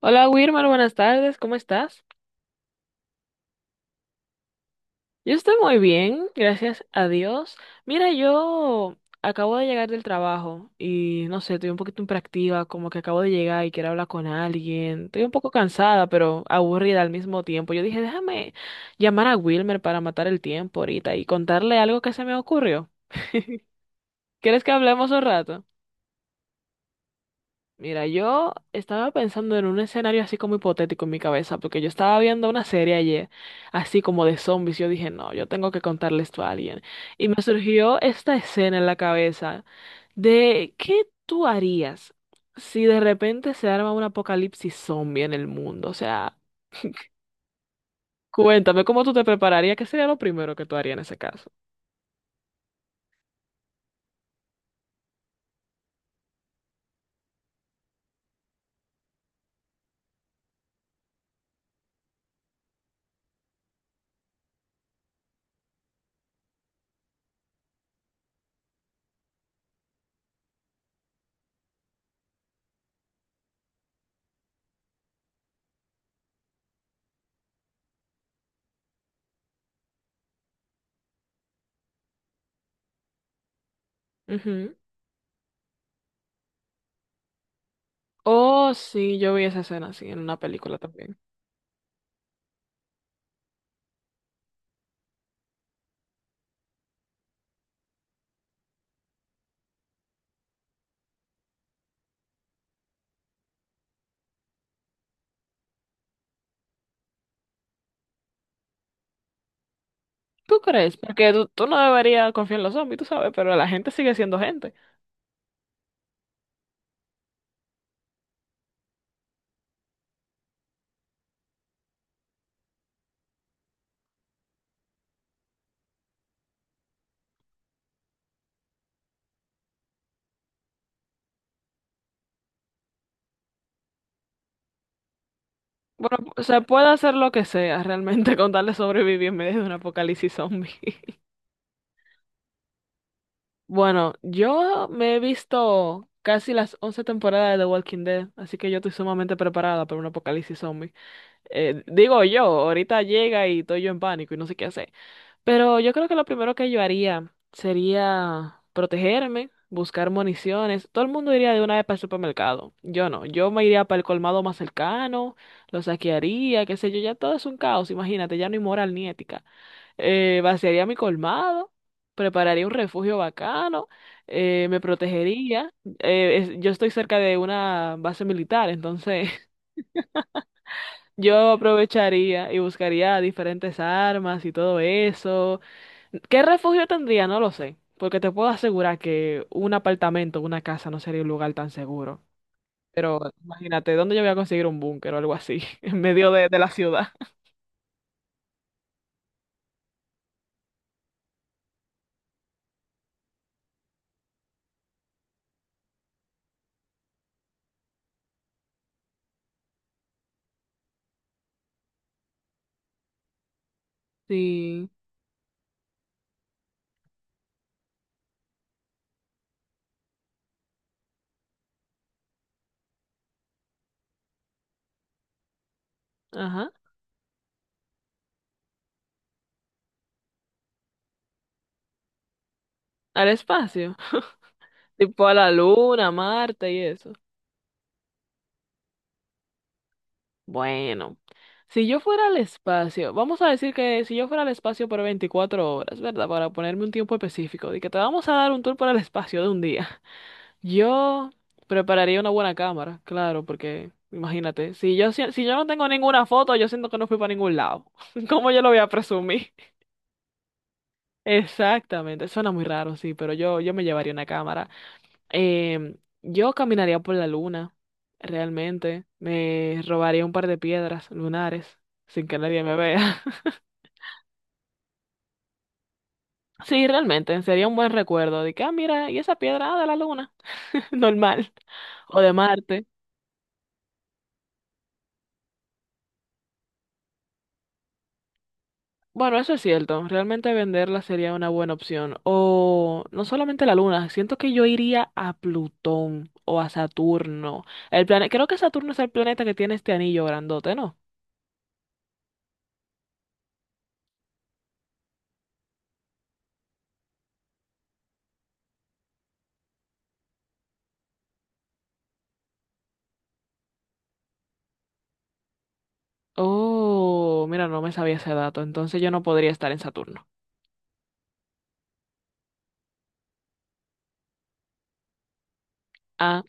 Hola Wilmar, buenas tardes, ¿cómo estás? Yo estoy muy bien, gracias a Dios. Mira, yo acabo de llegar del trabajo y no sé, estoy un poquito impractiva, como que acabo de llegar y quiero hablar con alguien. Estoy un poco cansada, pero aburrida al mismo tiempo. Yo dije, déjame llamar a Wilmer para matar el tiempo ahorita y contarle algo que se me ocurrió. ¿Quieres que hablemos un rato? Mira, yo estaba pensando en un escenario así como hipotético en mi cabeza, porque yo estaba viendo una serie ayer, así como de zombies, y yo dije, no, yo tengo que contarle esto a alguien. Y me surgió esta escena en la cabeza de qué tú harías si de repente se arma un apocalipsis zombie en el mundo. O sea, cuéntame cómo tú te prepararías, qué sería lo primero que tú harías en ese caso. Ujú. Oh, sí, yo vi esa escena así en una película también. ¿Tú crees? Porque tú no deberías confiar en los zombies, tú sabes, pero la gente sigue siendo gente. Bueno, se puede hacer lo que sea realmente con tal de sobrevivir en medio de un apocalipsis zombie. Bueno, yo me he visto casi las 11 temporadas de The Walking Dead, así que yo estoy sumamente preparada para un apocalipsis zombie. Digo yo, ahorita llega y estoy yo en pánico y no sé qué hacer. Pero yo creo que lo primero que yo haría sería protegerme, buscar municiones. Todo el mundo iría de una vez para el supermercado. Yo no, yo me iría para el colmado más cercano, lo saquearía, qué sé yo, ya todo es un caos, imagínate, ya no hay moral ni ética. Vaciaría mi colmado, prepararía un refugio bacano, me protegería. Yo estoy cerca de una base militar, entonces yo aprovecharía y buscaría diferentes armas y todo eso. ¿Qué refugio tendría? No lo sé, porque te puedo asegurar que un apartamento, una casa no sería un lugar tan seguro. Pero imagínate, ¿dónde yo voy a conseguir un búnker o algo así? En medio de la ciudad. Sí, ajá, al espacio, tipo a la luna, Marte y eso. Bueno, si yo fuera al espacio, vamos a decir que si yo fuera al espacio por 24 horas, ¿verdad? Para ponerme un tiempo específico, de que te vamos a dar un tour por el espacio de un día. Yo prepararía una buena cámara, claro, porque imagínate, si yo no tengo ninguna foto, yo siento que no fui para ningún lado. ¿Cómo yo lo voy a presumir? Exactamente, suena muy raro, sí, pero yo me llevaría una cámara. Yo caminaría por la luna, realmente. Me robaría un par de piedras lunares sin que nadie me vea. Sí, realmente, sería un buen recuerdo de que, ah, mira, y esa piedra, ah, de la luna, normal, o de Marte. Bueno, eso es cierto. Realmente venderla sería una buena opción. O no solamente la Luna, siento que yo iría a Plutón o a Saturno. Creo que Saturno es el planeta que tiene este anillo grandote, ¿no? Oh, mira, no me sabía ese dato. Entonces yo no podría estar en Saturno. Ah,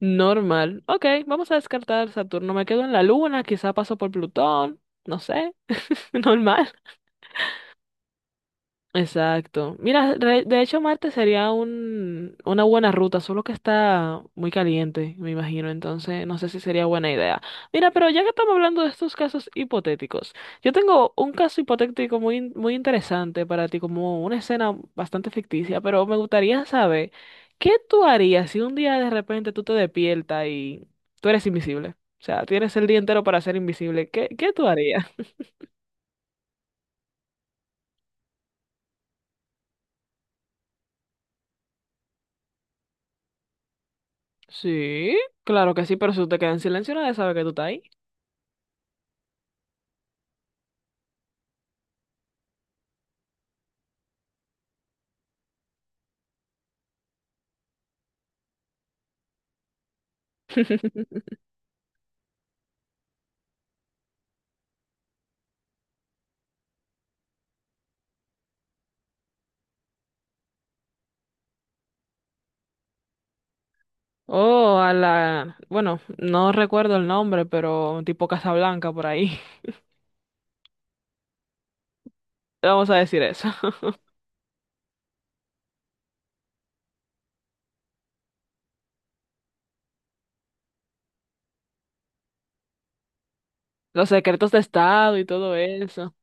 normal. Ok, vamos a descartar Saturno. Me quedo en la Luna, quizá paso por Plutón. No sé. Normal. Exacto. Mira, de hecho Marte sería una buena ruta, solo que está muy caliente, me imagino, entonces no sé si sería buena idea. Mira, pero ya que estamos hablando de estos casos hipotéticos, yo tengo un caso hipotético muy interesante para ti, como una escena bastante ficticia, pero me gustaría saber, ¿qué tú harías si un día de repente tú te despiertas y tú eres invisible? O sea, tienes el día entero para ser invisible. Qué tú harías? Sí, claro que sí, pero si tú te quedas en silencio, nadie sabe que tú estás ahí. Oh, a la, bueno, no recuerdo el nombre, pero tipo Casablanca por ahí. Vamos a decir eso. Los secretos de Estado y todo eso.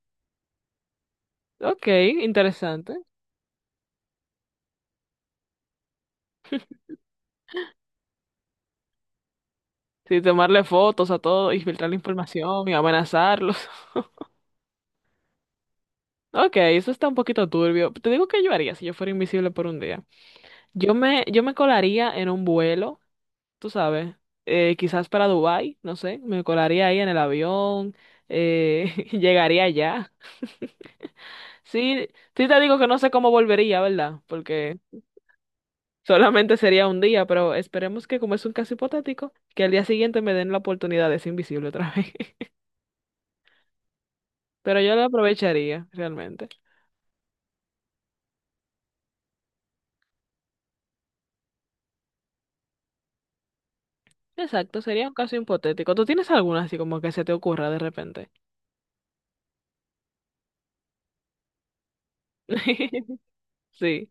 Ok, interesante. Sí, tomarle fotos a todo, y filtrar la información y amenazarlos. Ok, eso está un poquito turbio. Te digo que yo haría si yo fuera invisible por un día. Yo me colaría en un vuelo, tú sabes, quizás para Dubái, no sé, me colaría ahí en el avión, llegaría allá. Sí, sí te digo que no sé cómo volvería, ¿verdad? Porque solamente sería un día, pero esperemos que como es un caso hipotético, que al día siguiente me den la oportunidad de ser invisible otra vez. Pero yo la aprovecharía, realmente. Exacto, sería un caso hipotético. ¿Tú tienes alguna así como que se te ocurra de repente? Sí.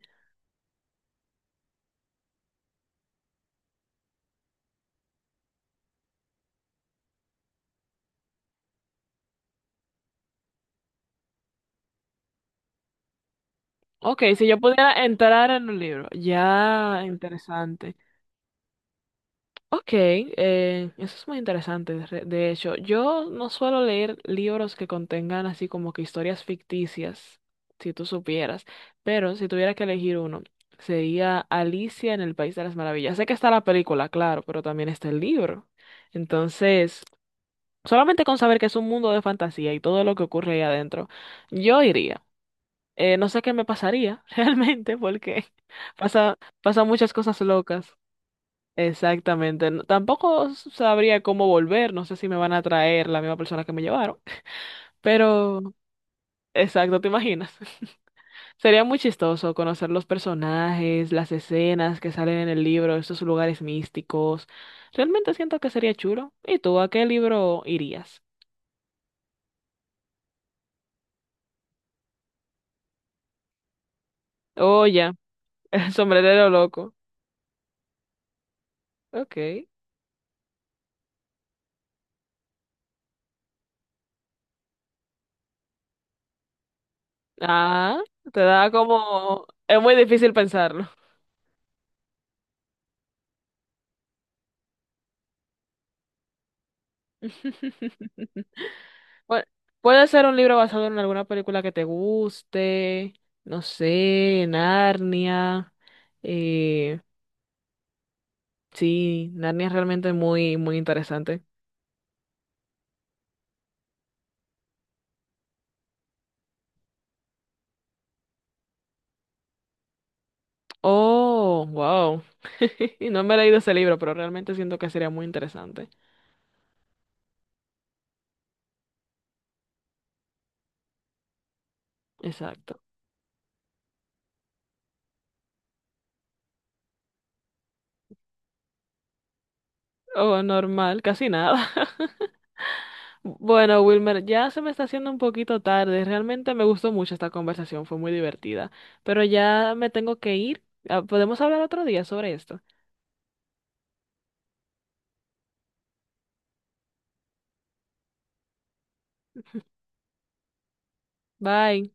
Ok, si yo pudiera entrar en un libro, ya interesante. Ok, eso es muy interesante. De hecho, yo no suelo leer libros que contengan así como que historias ficticias, si tú supieras, pero si tuviera que elegir uno, sería Alicia en el País de las Maravillas. Sé que está la película, claro, pero también está el libro. Entonces, solamente con saber que es un mundo de fantasía y todo lo que ocurre ahí adentro, yo iría. No sé qué me pasaría realmente porque pasan muchas cosas locas. Exactamente. No- Tampoco sabría cómo volver. No sé si me van a traer la misma persona que me llevaron. Pero, exacto, ¿te imaginas? Sería muy chistoso conocer los personajes, las escenas que salen en el libro, esos lugares místicos. Realmente siento que sería chulo. ¿Y tú a qué libro irías? Oh, ya. El sombrerero loco. Ok. Ah, te da como... Es muy difícil pensarlo. Pu- Puede ser un libro basado en alguna película que te guste, no sé, Narnia. Eh, sí, Narnia es realmente muy interesante. Oh, wow. No me he leído ese libro, pero realmente siento que sería muy interesante. Exacto. Oh, normal, casi nada. Bueno, Wilmer, ya se me está haciendo un poquito tarde. Realmente me gustó mucho esta conversación, fue muy divertida. Pero ya me tengo que ir. Ah, podemos hablar otro día sobre esto. Bye.